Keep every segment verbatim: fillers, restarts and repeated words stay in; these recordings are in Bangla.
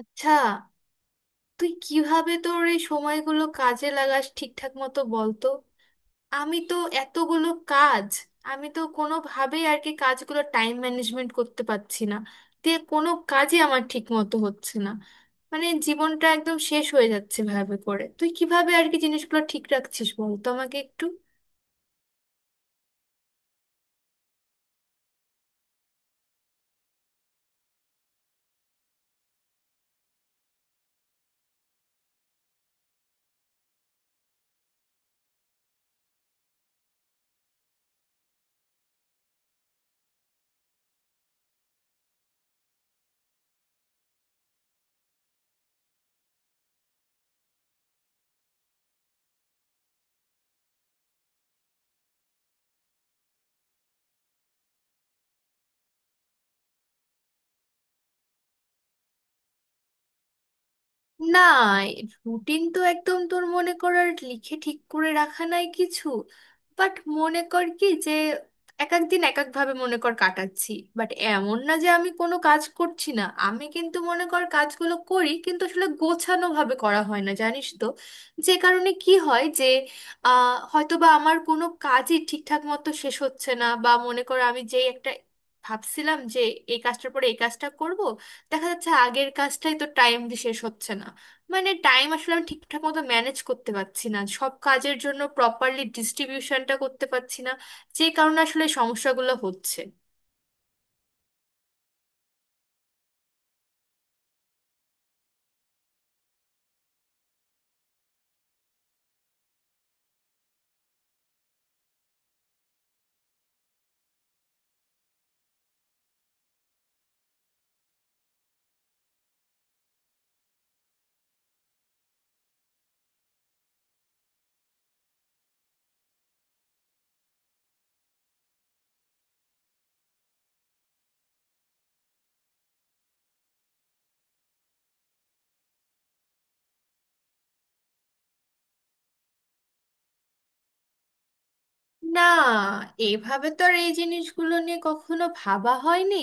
আচ্ছা, তুই কিভাবে তোর এই সময়গুলো কাজে লাগাস ঠিকঠাক মতো বলতো। আমি তো এতগুলো কাজ আমি তো কোনোভাবেই আর কি কাজগুলো টাইম ম্যানেজমেন্ট করতে পারছি না, দিয়ে কোনো কাজই আমার ঠিক মতো হচ্ছে না। মানে জীবনটা একদম শেষ হয়ে যাচ্ছে ভাবে করে, তুই কিভাবে আর কি জিনিসগুলো ঠিক রাখছিস বলতো আমাকে একটু। না, রুটিন তো একদম তোর মনে করার লিখে ঠিক করে রাখা নাই কিছু। বাট মনে কর কি যে এক এক দিন এক একভাবে মনে কর কাটাচ্ছি। বাট এমন না যে আমি কোনো কাজ করছি না, আমি কিন্তু মনে কর কাজগুলো করি, কিন্তু আসলে গোছানো ভাবে করা হয় না জানিস তো। যে কারণে কি হয় যে আহ হয়তো বা আমার কোনো কাজই ঠিকঠাক মতো শেষ হচ্ছে না, বা মনে কর আমি যেই একটা ভাবছিলাম যে এই কাজটার পরে এই কাজটা করব, দেখা যাচ্ছে আগের কাজটাই তো টাইম দিয়ে শেষ হচ্ছে না। মানে টাইম আসলে আমি ঠিকঠাক মতো ম্যানেজ করতে পারছি না, সব কাজের জন্য প্রপারলি ডিস্ট্রিবিউশনটা করতে পারছি না, যে কারণে আসলে এই সমস্যাগুলো হচ্ছে। না, এভাবে তো আর এই জিনিসগুলো নিয়ে কখনো ভাবা হয়নি।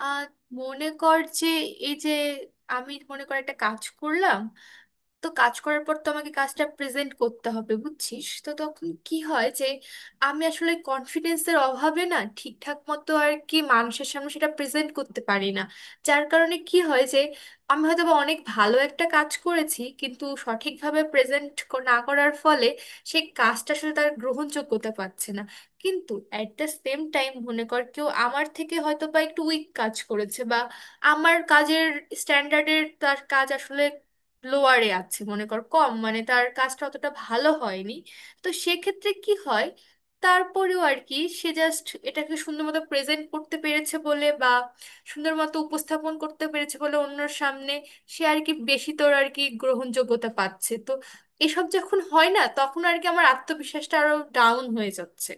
আহ মনে কর যে, এই যে আমি মনে কর একটা কাজ করলাম, তো কাজ করার পর তো আমাকে কাজটা প্রেজেন্ট করতে হবে বুঝছিস তো, তখন কি হয় যে আমি আসলে কনফিডেন্সের অভাবে না ঠিকঠাক মতো আর কি মানুষের সামনে সেটা প্রেজেন্ট করতে পারি না। যার কারণে কি হয় যে আমি হয়তো বা অনেক ভালো একটা কাজ করেছি কিন্তু সঠিকভাবে প্রেজেন্ট না করার ফলে সেই কাজটা আসলে তার গ্রহণযোগ্যতা পাচ্ছে না। কিন্তু অ্যাট দ্য সেম টাইম মনে কর কেউ আমার থেকে হয়তো বা একটু উইক কাজ করেছে, বা আমার কাজের স্ট্যান্ডার্ডের তার কাজ আসলে লোয়ারে আছে, মনে কর কম, মানে তার কাজটা অতটা ভালো হয়নি। তো সেক্ষেত্রে কি হয়, তারপরেও আর কি সে জাস্ট এটাকে সুন্দর মতো প্রেজেন্ট করতে পেরেছে বলে, বা সুন্দর মতো উপস্থাপন করতে পেরেছে বলে অন্যর সামনে, সে আর কি বেশি তোর আর কি গ্রহণযোগ্যতা পাচ্ছে তো। এসব যখন হয় না তখন আর কি আমার আত্মবিশ্বাসটা আরো ডাউন হয়ে যাচ্ছে।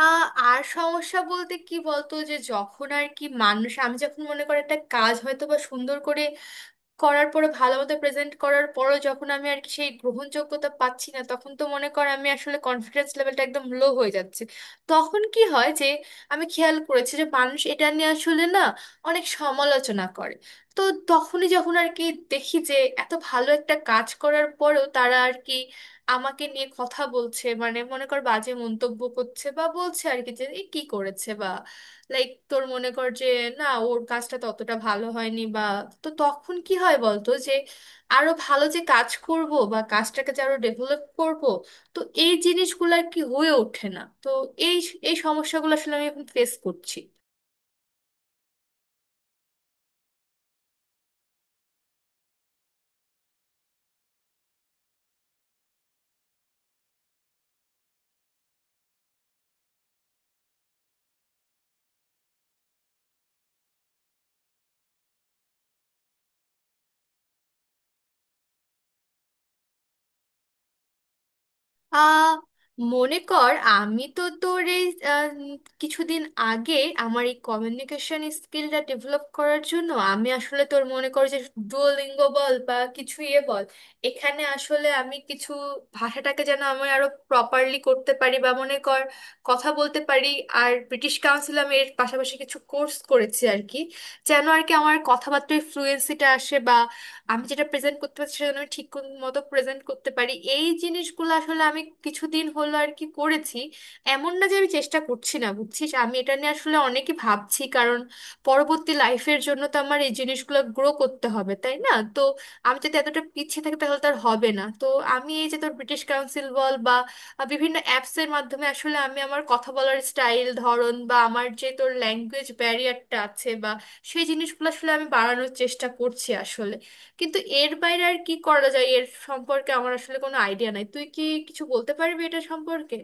আহ, আর সমস্যা বলতে কি বলতো, যে যখন আর কি মানুষ, আমি যখন মনে করি একটা কাজ হয়তো বা সুন্দর করে করার পরে ভালোমতো প্রেজেন্ট করার পরও যখন আমি আর কি সেই গ্রহণযোগ্যতা পাচ্ছি না, তখন তো মনে কর আমি আসলে কনফিডেন্স লেভেলটা একদম লো হয়ে যাচ্ছে। তখন কি হয় যে আমি খেয়াল করেছি যে মানুষ এটা নিয়ে আসলে না অনেক সমালোচনা করে। তো তখনই যখন আর কি দেখি যে এত ভালো একটা কাজ করার পরেও তারা আর কি আমাকে নিয়ে কথা বলছে, মানে মনে কর বাজে মন্তব্য করছে, বা বলছে আর কি যে এ কি করেছে, বা লাইক তোর মনে কর যে না ওর কাজটা ততটা ভালো হয়নি বা। তো তখন কি হয় বলতো, যে আরো ভালো যে কাজ করব বা কাজটাকে যে আরো ডেভেলপ করব, তো এই জিনিসগুলো আর কি হয়ে ওঠে না তো। এই এই সমস্যাগুলো আসলে আমি এখন ফেস করছি। আহ মনে কর আমি তো তোর এই, আহ, উম, কিছুদিন আগে আমার এই কমিউনিকেশন স্কিলটা ডেভেলপ করার জন্য আমি আসলে তোর মনে কর যে ডুওলিঙ্গো বল বা কিছু ইয়ে বল, এখানে আসলে আমি কিছু ভাষাটাকে যেন আমি আরো প্রপারলি করতে পারি, বা মনে কর কথা বলতে পারি। আর ব্রিটিশ কাউন্সিল আমি এর পাশাপাশি কিছু কোর্স করেছি আর কি, যেন আর কি আমার কথাবার্তায় ফ্লুয়েন্সিটা আসে, আমি যেটা প্রেজেন্ট করতে পারছি সেটা যেন আমি ঠিক কোন মতো প্রেজেন্ট করতে পারি। এই জিনিসগুলো আসলে আমি কিছুদিন হলো আর কি করেছি। এমন না যে আমি চেষ্টা করছি না বুঝছিস, আমি এটা নিয়ে আসলে অনেকই ভাবছি, কারণ পরবর্তী লাইফের জন্য তো আমার এই জিনিসগুলো গ্রো করতে হবে তাই না, তো আমি যদি এতটা পিছিয়ে থাকি তাহলে তার হবে না তো। আমি এই যে তোর ব্রিটিশ কাউন্সিল বল বা বিভিন্ন অ্যাপসের মাধ্যমে আসলে আমি আমার কথা বলার স্টাইল ধরন বা আমার যে তোর ল্যাঙ্গুয়েজ ব্যারিয়ারটা আছে বা, সেই জিনিসগুলো আসলে আমি বাড়ানোর চেষ্টা করছি আসলে। কিন্তু এর বাইরে আর কি করা যায় এর সম্পর্কে আমার আসলে কোনো আইডিয়া নাই, তুই কি কিছু বলতে পারবি এটা সম্পর্কে?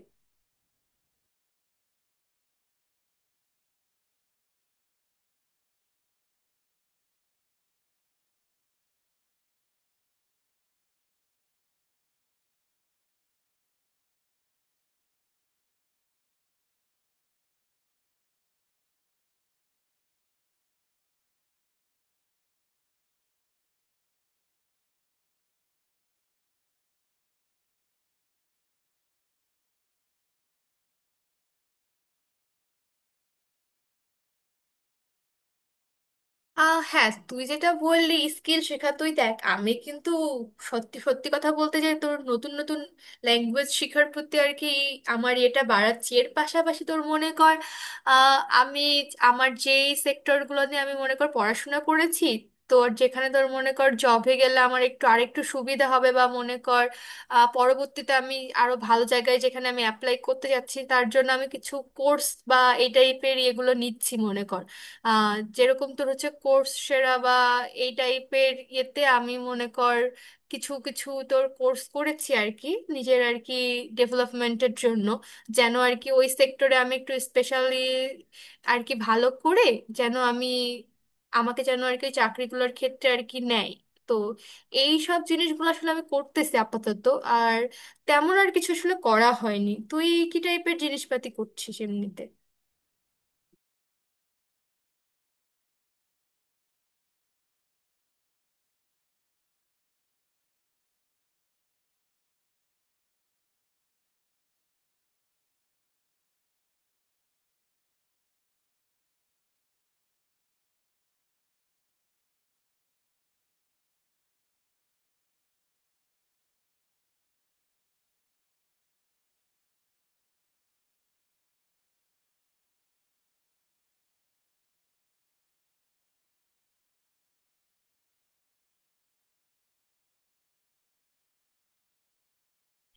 আহ হ্যাঁ, তুই যেটা বললি স্কিল শেখা, তুই দেখ আমি কিন্তু সত্যি সত্যি কথা বলতে যে তোর নতুন নতুন ল্যাঙ্গুয়েজ শেখার প্রতি আর কি আমার এটা বাড়াচ্ছি। এর পাশাপাশি তোর মনে কর আহ, আমি আমার যেই সেক্টরগুলো নিয়ে আমি মনে কর পড়াশোনা করেছি, তোর যেখানে তোর মনে কর জবে গেলে আমার একটু আরেকটু সুবিধা হবে, বা মনে কর আহ, পরবর্তীতে আমি আরো ভালো জায়গায় যেখানে আমি অ্যাপ্লাই করতে যাচ্ছি তার জন্য আমি কিছু কোর্স বা এই টাইপের এগুলো নিচ্ছি মনে কর। আহ, যেরকম তোর হচ্ছে কোর্স সেরা বা এই টাইপের ইয়েতে আমি মনে কর কিছু কিছু তোর কোর্স করেছি আর কি, নিজের আর কি ডেভেলপমেন্টের জন্য, যেন আর কি ওই সেক্টরে আমি একটু স্পেশালি আর কি ভালো করে, যেন আমি, আমাকে যেন আর কি চাকরিগুলোর ক্ষেত্রে আর কি নেয়। তো এই সব জিনিসগুলো আসলে আমি করতেছি আপাতত। আর তেমন আর কিছু আসলে করা হয়নি, তুই কি টাইপের জিনিসপাতি করছিস এমনিতে?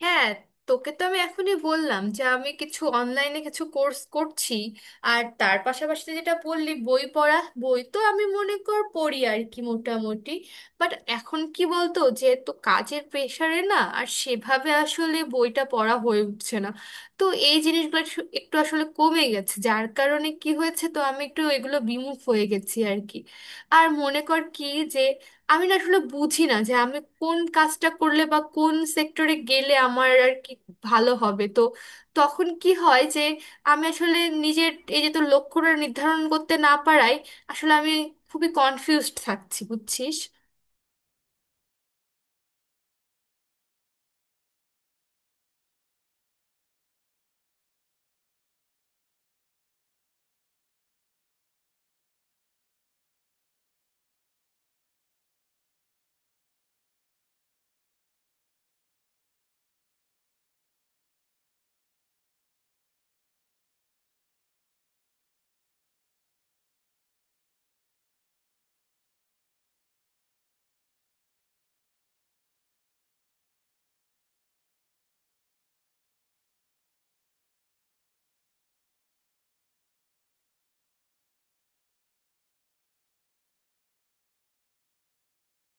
হ্যাঁ, তোকে তো আমি এখনই বললাম যে আমি কিছু অনলাইনে কিছু কোর্স করছি। আর তার পাশাপাশি তুই যেটা বললি বই পড়া, বই তো আমি মনে কর পড়ি আর কি মোটামুটি। বাট এখন কি বলতো, যেহেতু কাজের প্রেশারে না আর সেভাবে আসলে বইটা পড়া হয়ে উঠছে না, তো এই জিনিসগুলো একটু একটু আসলে কমে গেছে, যার কারণে কি হয়েছে তো আমি একটু এগুলো বিমুখ হয়ে গেছি আর কি। আর মনে কর কি যে আমি না আসলে বুঝি না যে আমি কোন কাজটা করলে বা কোন সেক্টরে গেলে আমার আর কি ভালো হবে তো। তখন কি হয় যে আমি আসলে নিজের এই যে তো লক্ষ্যটা নির্ধারণ করতে না পারায় আসলে আমি খুবই কনফিউজড থাকছি বুঝছিস।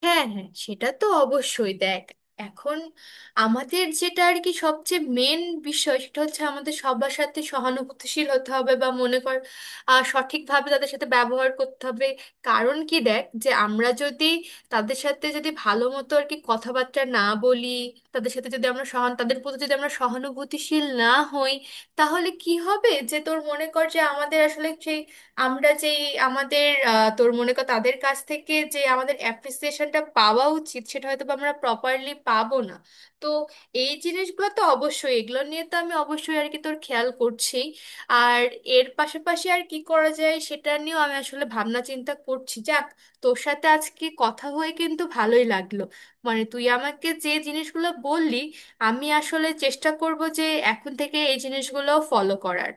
হ্যাঁ হ্যাঁ, সেটা তো অবশ্যই। দেখ এখন আমাদের যেটা আর কি সবচেয়ে মেন বিষয়, সেটা হচ্ছে আমাদের সবার সাথে সহানুভূতিশীল হতে হবে, বা মনে কর আহ, সঠিকভাবে তাদের সাথে ব্যবহার করতে হবে। কারণ কি দেখ, যে আমরা যদি তাদের সাথে যদি ভালো মতো আর কি কথাবার্তা না বলি, তাদের সাথে যদি আমরা সহান তাদের প্রতি যদি আমরা সহানুভূতিশীল না হই, তাহলে কি হবে যে তোর মনে কর যে আমাদের আসলে সেই, আমরা যেই আমাদের আহ, তোর মনে কর তাদের কাছ থেকে যে আমাদের অ্যাপ্রিসিয়েশনটা পাওয়া উচিত সেটা হয়তো বা আমরা প্রপারলি পাবো না। তো এই জিনিসগুলো তো অবশ্যই, এগুলো নিয়ে তো আমি অবশ্যই আর কি তোর খেয়াল করছি। আর এর পাশাপাশি আর কি করা যায় সেটা নিয়েও আমি আসলে ভাবনা চিন্তা করছি। যাক, তোর সাথে আজকে কথা হয়ে কিন্তু ভালোই লাগলো। মানে তুই আমাকে যে জিনিসগুলো বললি, আমি আসলে চেষ্টা করব যে এখন থেকে এই জিনিসগুলো ফলো করার।